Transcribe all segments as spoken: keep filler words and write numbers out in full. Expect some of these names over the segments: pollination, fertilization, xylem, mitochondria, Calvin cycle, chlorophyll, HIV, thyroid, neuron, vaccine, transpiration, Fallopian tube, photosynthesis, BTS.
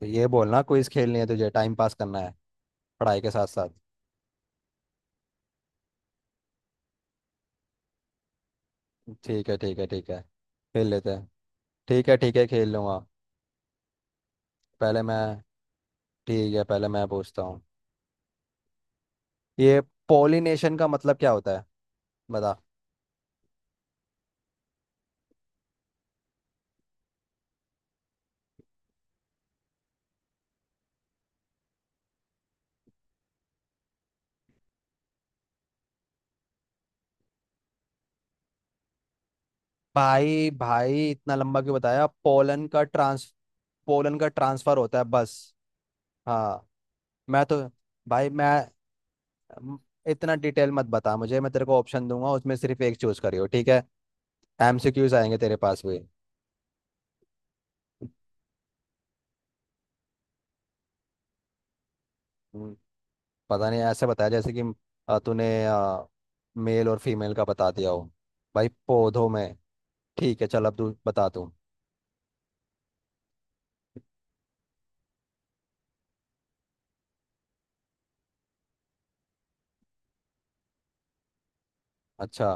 तो ये बोलना क्विज खेलनी है तुझे। टाइम पास करना है पढ़ाई के साथ साथ। ठीक है, ठीक है, ठीक है, खेल लेते हैं। ठीक है, ठीक है, खेल लूंगा। पहले मैं। ठीक है, पहले मैं पूछता हूँ। ये पोलिनेशन का मतलब क्या होता है, बता। भाई भाई इतना लंबा क्यों बताया? पोलन का ट्रांस, पोलन का ट्रांसफर होता है बस। हाँ। मैं तो, भाई मैं म- इतना डिटेल मत बता मुझे। मैं तेरे को ऑप्शन दूंगा, उसमें सिर्फ एक चूज करियो, ठीक है। एम सी क्यूज आएंगे तेरे पास भी। पता नहीं ऐसे बताया जैसे कि अ, तूने अ, मेल और फीमेल का बता दिया हो। भाई पौधों में। ठीक है, चल अब तू बता तू। अच्छा।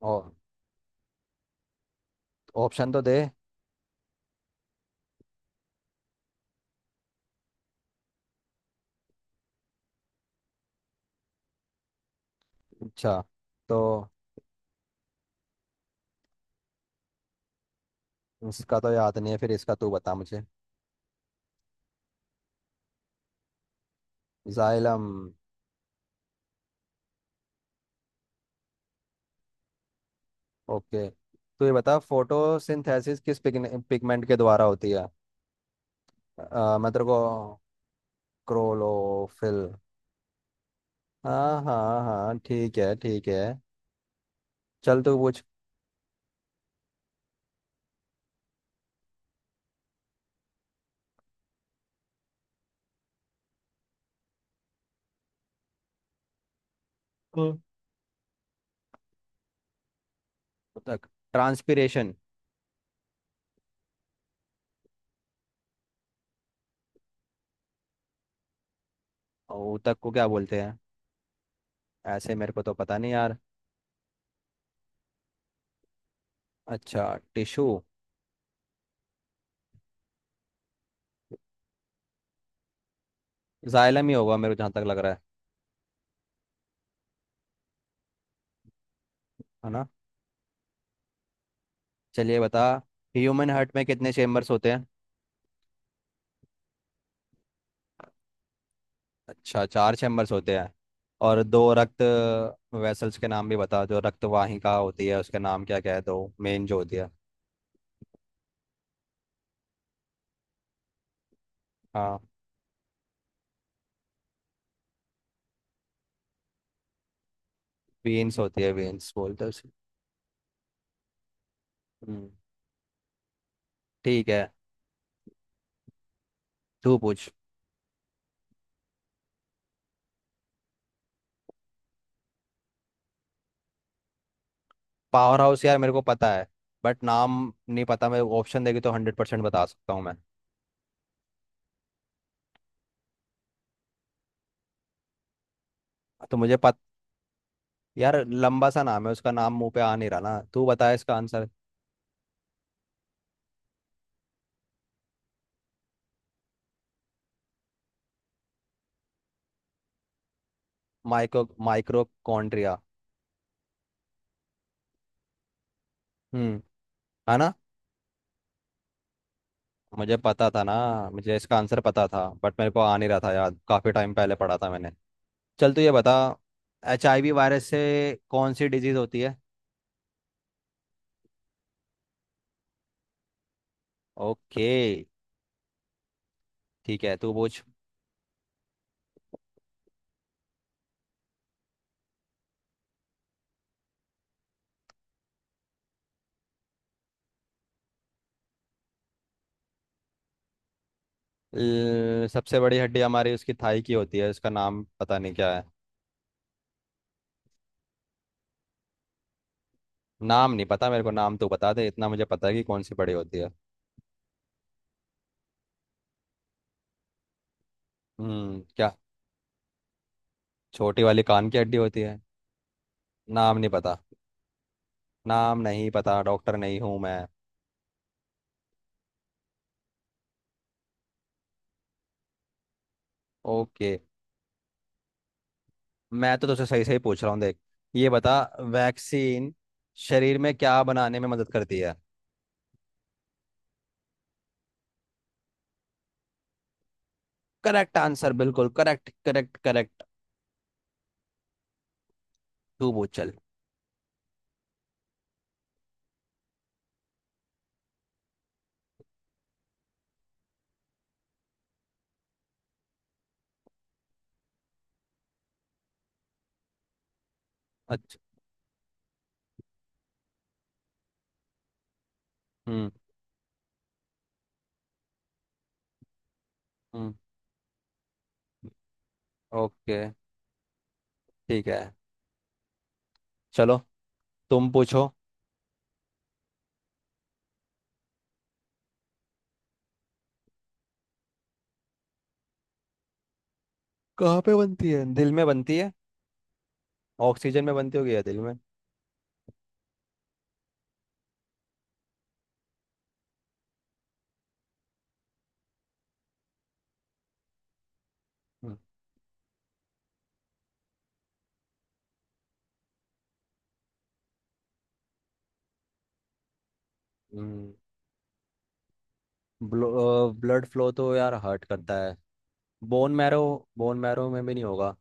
और ऑप्शन तो दे। अच्छा, तो इसका तो याद नहीं है, फिर इसका तू बता मुझे। जाइलम। ओके, तो ये बता फोटोसिंथेसिस किस पिगमेंट के द्वारा होती है? आ, मैं तेरे को। क्रोलोफिल। हाँ हाँ हाँ, ठीक है, ठीक है, चल तू पूछ। हम्म। ऊतक, ट्रांसपीरेशन। ऊतक को क्या बोलते हैं? ऐसे मेरे को तो पता नहीं यार। अच्छा, टिश्यू। जाइलम ही होगा मेरे को जहाँ तक लग रहा है है ना। चलिए बता, ह्यूमन हार्ट में कितने चेम्बर्स होते हैं? अच्छा, चार चेम्बर्स होते हैं। और दो रक्त वेसल्स के नाम भी बता, जो रक्त वाहिका होती है उसके नाम क्या क्या है, दो मेन जो होती है। हाँ। वेन्स होती है, वेन्स बोलते हैं उसे। हम्म, ठीक है, तू पूछ। पावर हाउस यार मेरे को पता है, बट नाम नहीं पता। मैं ऑप्शन देगी तो हंड्रेड परसेंट बता सकता हूँ मैं। तो मुझे पता। यार लंबा सा नाम है, उसका नाम मुंह पे आ नहीं रहा ना, तू बता इसका आंसर। माइक्रो माइक्रोकॉन्ड्रिया। हम्म। है ना। मुझे पता था ना, मुझे इसका आंसर पता था, बट मेरे को आ नहीं रहा था याद, काफी टाइम पहले पढ़ा था मैंने। चल तू ये बता, एच आई वी वायरस से कौन सी डिजीज होती है? ओके, ठीक है, तू पूछ। ल- सबसे बड़ी हड्डी हमारी उसकी थाई की होती है, उसका नाम पता नहीं क्या है। नाम नहीं पता मेरे को, नाम तो बता दे, इतना मुझे पता है कि कौन सी बड़ी होती है। हम्म, क्या? छोटी वाली कान की हड्डी होती है। नाम नहीं पता। नाम नहीं पता, डॉक्टर नहीं हूं मैं। ओके। मैं तो तुझसे सही सही पूछ रहा हूँ देख, ये बता, वैक्सीन शरीर में क्या बनाने में मदद करती है? करेक्ट आंसर, बिल्कुल करेक्ट, करेक्ट, करेक्ट। तू पूछ चल। अच्छा। हम्म। हम्म। ओके। ठीक है। चलो, तुम पूछो। कहाँ पे बनती है? दिल में बनती है? ऑक्सीजन में बनती होगी या दिल में? हम्म, ब्लड फ्लो तो यार हार्ट करता है। बोन मैरो, बोन मैरो में भी नहीं होगा।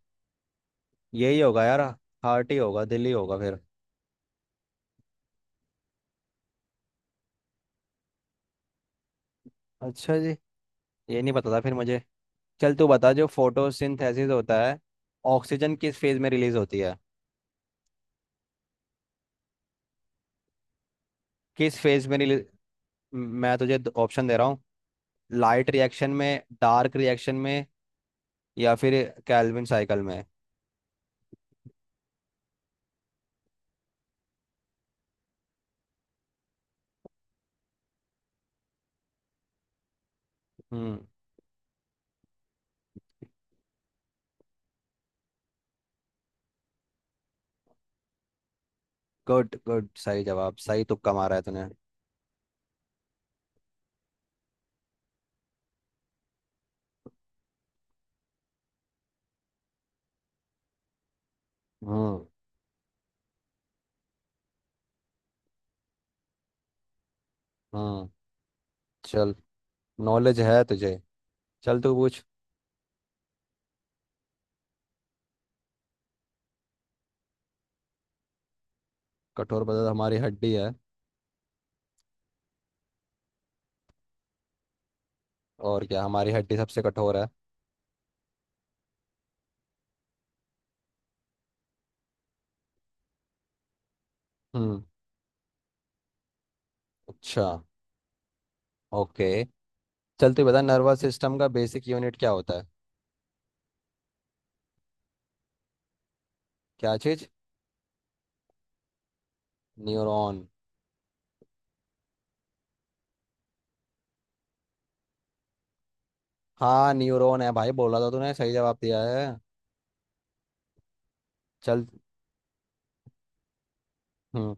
यही होगा यार, हार्ट ही होगा, दिल ही होगा फिर। अच्छा जी, ये नहीं पता था फिर मुझे। चल तू बता, जो फोटोसिंथेसिस होता है, ऑक्सीजन किस फेज में रिलीज होती है? किस फेज में रिलीज? मैं तुझे ऑप्शन दे रहा हूँ, लाइट रिएक्शन में, डार्क रिएक्शन में, या फिर कैल्विन साइकिल में। हम्म, गुड गुड, सही जवाब, सही तुक्का मारा है तूने। हम्म। हम्म। चल, नॉलेज है तुझे। चल तू पूछ। कठोर पदार्थ हमारी हड्डी है। और क्या, हमारी हड्डी सबसे कठोर है। हम्म। अच्छा, ओके। चल तू बता, नर्वस सिस्टम का बेसिक यूनिट क्या होता है? क्या चीज? न्यूरॉन। हाँ न्यूरॉन है भाई, बोला था तूने, सही जवाब दिया है। चल। हम्म।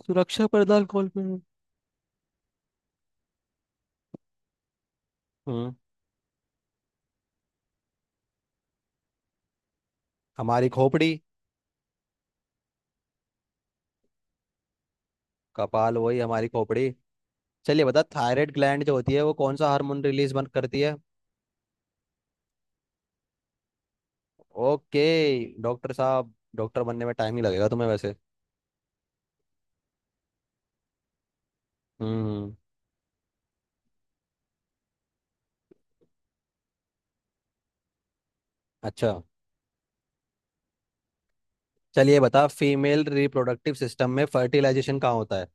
सुरक्षा प्रदान कौन पे है? हम्म। हमारी खोपड़ी। कपाल वही हमारी खोपड़ी। चलिए बता, थायराइड ग्लैंड जो होती है वो कौन सा हार्मोन रिलीज बंद करती है? ओके। डॉक्टर साहब, डॉक्टर बनने में टाइम ही लगेगा तुम्हें वैसे। हम्म। अच्छा। चलिए बता, फीमेल रिप्रोडक्टिव सिस्टम में फर्टिलाइजेशन कहाँ होता है?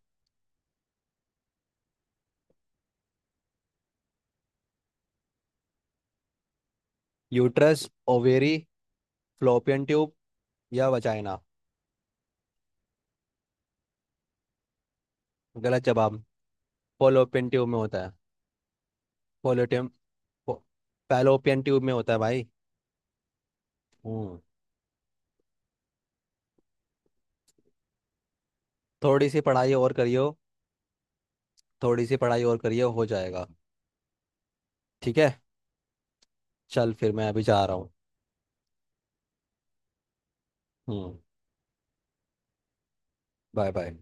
यूट्रस, ओवेरी, फ्लोपियन ट्यूब, या वजाइना? गलत जवाब, फोलोपियन ट्यूब में होता है। वो फैलोपियन ट्यूब में होता है भाई। हम्म। थोड़ी सी पढ़ाई और करियो, थोड़ी सी पढ़ाई और करियो, हो जाएगा। ठीक है। चल फिर, मैं अभी जा रहा हूँ। हम्म। Bye bye.